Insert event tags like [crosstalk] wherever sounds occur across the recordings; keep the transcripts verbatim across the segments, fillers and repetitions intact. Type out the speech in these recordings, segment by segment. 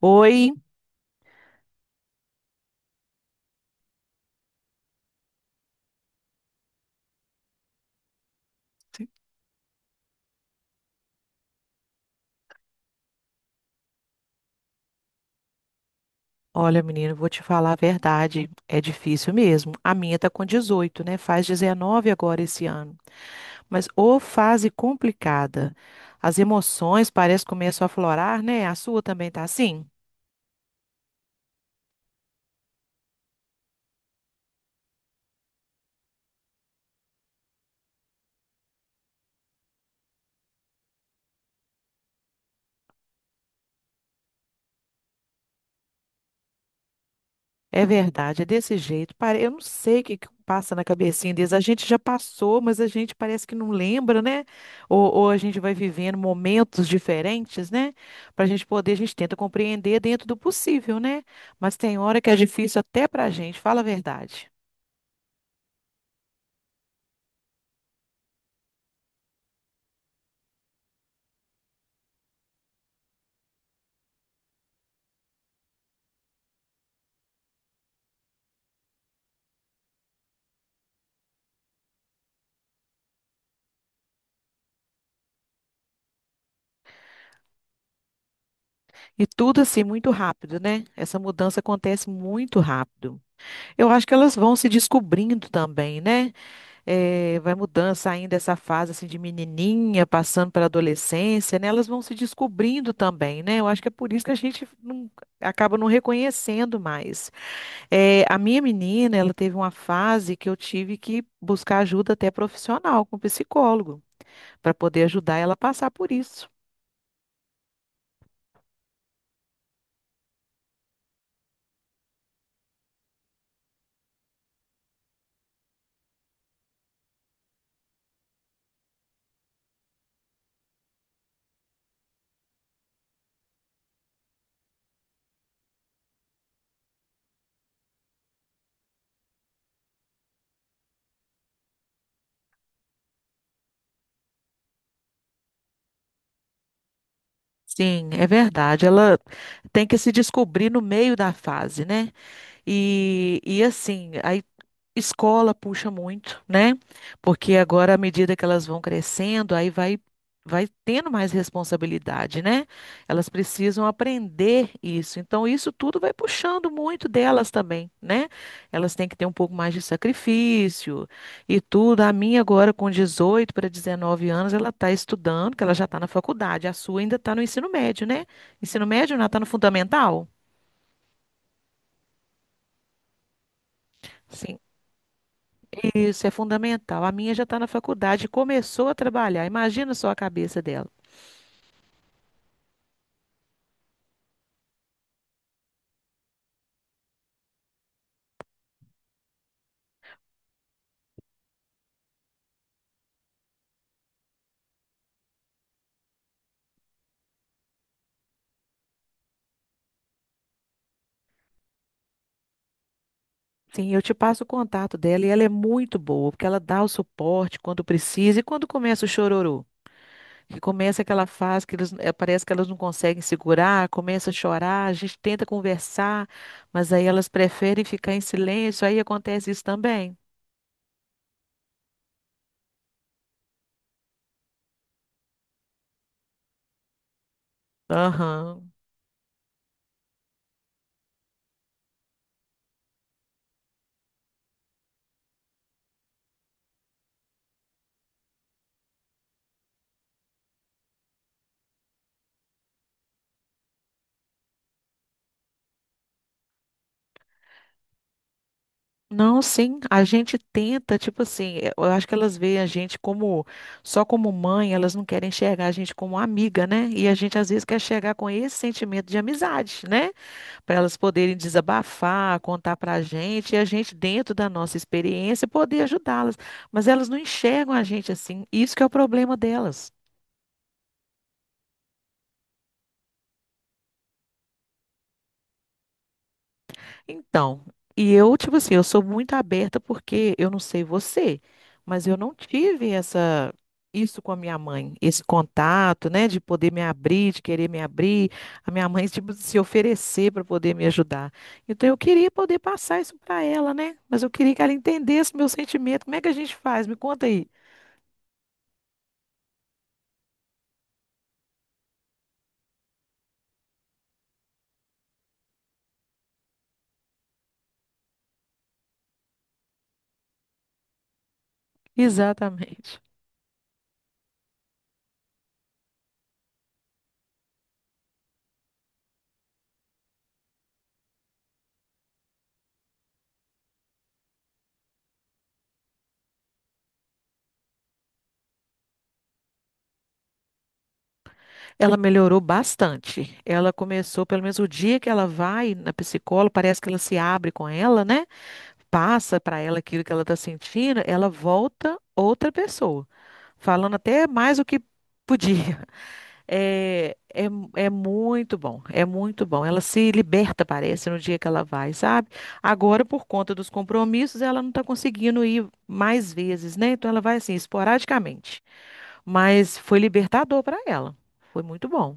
Oi, olha, menino, vou te falar a verdade. É difícil mesmo. A minha tá com dezoito, né? Faz dezenove agora esse ano. Mas ô fase complicada. As emoções parece que começam a aflorar, né? A sua também tá assim? É verdade, é desse jeito. Pare- Eu não sei o que que passa na cabecinha deles. A gente já passou, mas a gente parece que não lembra, né? Ou, ou a gente vai vivendo momentos diferentes, né? Para a gente poder, a gente tenta compreender dentro do possível, né? Mas tem hora que é difícil até para a gente, fala a verdade. E tudo assim, muito rápido, né? Essa mudança acontece muito rápido. Eu acho que elas vão se descobrindo também, né? Eh, vai mudando, saindo dessa fase assim de menininha, passando pela adolescência, né? Elas vão se descobrindo também, né? Eu acho que é por isso que a gente não- acaba não reconhecendo mais. Eh, a minha menina, ela teve uma fase que eu tive que buscar ajuda até profissional, com psicólogo, para poder ajudar ela a passar por isso. Sim, é verdade. Ela tem que se descobrir no meio da fase, né? E, e assim, a Escola puxa muito, né? Porque agora, à medida que elas vão crescendo, aí vai, vai tendo mais responsabilidade, né? Elas precisam aprender isso. Então, isso tudo vai puxando muito delas também, né? Elas têm que ter um pouco mais de sacrifício e tudo. A minha agora, com dezoito para dezenove anos, ela está estudando, que ela já está na faculdade. A sua ainda está no ensino médio, né? Ensino médio, não, ela está no fundamental? Sim. Isso é fundamental. A minha já está na faculdade, começou a trabalhar. Imagina só a cabeça dela. Sim, eu te passo o contato dela e ela é muito boa, porque ela dá o suporte quando precisa e quando começa o chororô, que começa aquela fase que eles, eh, parece que elas não conseguem segurar, começa a chorar, a gente tenta conversar, mas aí elas preferem ficar em silêncio, aí acontece isso também. Aham. Não, sim, a gente tenta, tipo assim, eh, eu acho que elas veem a gente como, só como mãe, elas não querem enxergar a gente como amiga, né? E a gente às vezes quer chegar com esse sentimento de amizade, né? Para elas poderem desabafar, contar pra gente, e a gente, dentro da nossa experiência, poder ajudá-las. Mas elas não enxergam a gente assim, isso que é o problema delas. Então, e eu, tipo assim, eu sou muito aberta porque eu não sei você, mas eu não tive essa isso com a minha mãe, esse contato, né, de poder me abrir, de querer me abrir, a minha mãe tipo se oferecer para poder me ajudar. Então eu queria poder passar isso para ela, né? Mas eu queria que ela entendesse meu sentimento. Como é que a gente faz? Me conta aí. Exatamente. Ela melhorou bastante. Ela começou, pelo menos o dia que ela vai na psicóloga, parece que ela se abre com ela, né? Passa para ela aquilo que ela está sentindo, ela volta outra pessoa, falando até mais do que podia. [laughs] É, é, é muito bom, é muito bom. Ela se liberta, parece, no dia que ela vai, sabe? Agora, por conta dos compromissos, ela não está conseguindo ir mais vezes, né? Então, ela vai assim, esporadicamente. Mas foi libertador para ela. Foi muito bom.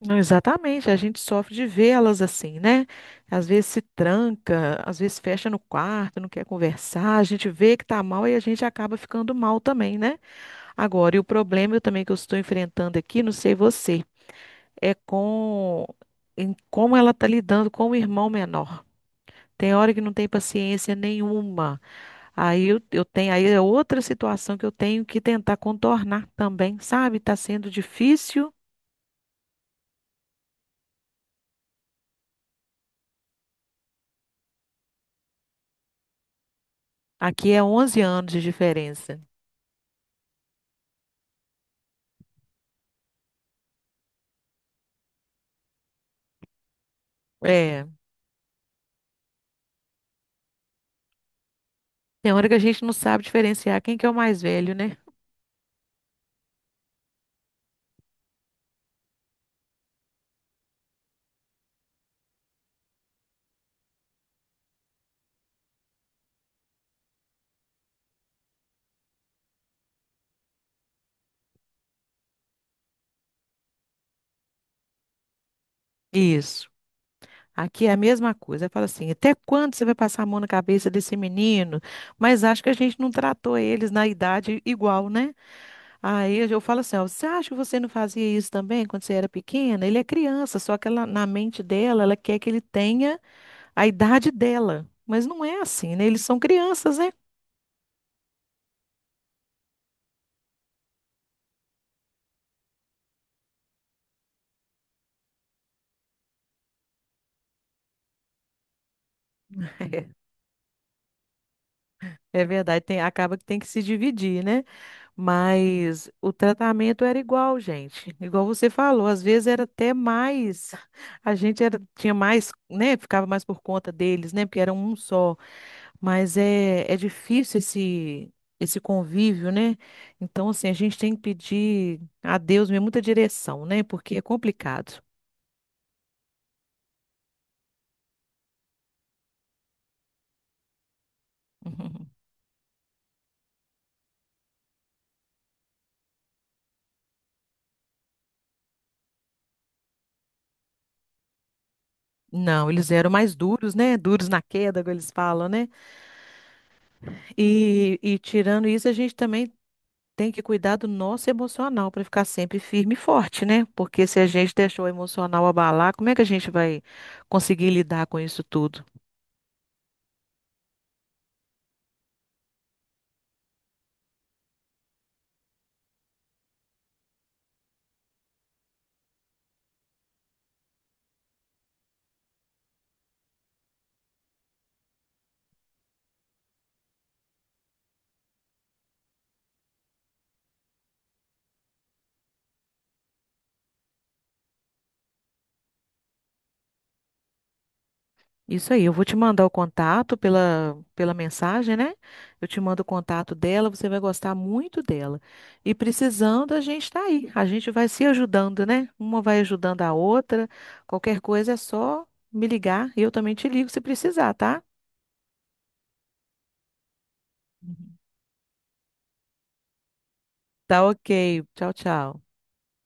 Não, exatamente, a gente sofre de vê-las assim, né? Às vezes se tranca, às vezes fecha no quarto, não quer conversar, a gente vê que tá mal e a gente acaba ficando mal também, né? Agora, e o problema eu também que eu estou enfrentando aqui, não sei você, é com em como ela tá lidando com o irmão menor. Tem hora que não tem paciência nenhuma. Aí eu, eu tenho, aí é outra situação que eu tenho que tentar contornar também, sabe? Tá sendo difícil. Aqui é onze anos de diferença. É, tem hora que a gente não sabe diferenciar quem que é o mais velho, né? Isso. Aqui é a mesma coisa. Fala assim, até quando você vai passar a mão na cabeça desse menino? Mas acho que a gente não tratou eles na idade igual, né? Aí eu falo assim, ó, você acha que você não fazia isso também quando você era pequena? Ele é criança, só que ela, na mente dela, ela quer que ele tenha a idade dela. Mas não é assim, né? Eles são crianças, né? É verdade, tem, acaba que tem que se dividir, né? Mas o tratamento era igual, gente. Igual você falou, às vezes era até mais. A gente era, tinha mais, né? Ficava mais por conta deles, né? Porque era um só. Mas é, é difícil esse, esse convívio, né? Então, assim, a gente tem que pedir a Deus mesmo muita direção, né? Porque é complicado. [laughs] Não, eles eram mais duros, né? Duros na queda, como eles falam, né? E, e tirando isso, a gente também tem que cuidar do nosso emocional para ficar sempre firme e forte, né? Porque se a gente deixou o emocional abalar, como é que a gente vai conseguir lidar com isso tudo? Isso aí, eu vou te mandar o contato pela, pela mensagem, né? Eu te mando o contato dela, você vai gostar muito dela. E precisando, a gente está aí. A gente vai se ajudando, né? Uma vai ajudando a outra. Qualquer coisa é só me ligar e eu também te ligo se precisar, tá? Tá ok. Tchau, tchau.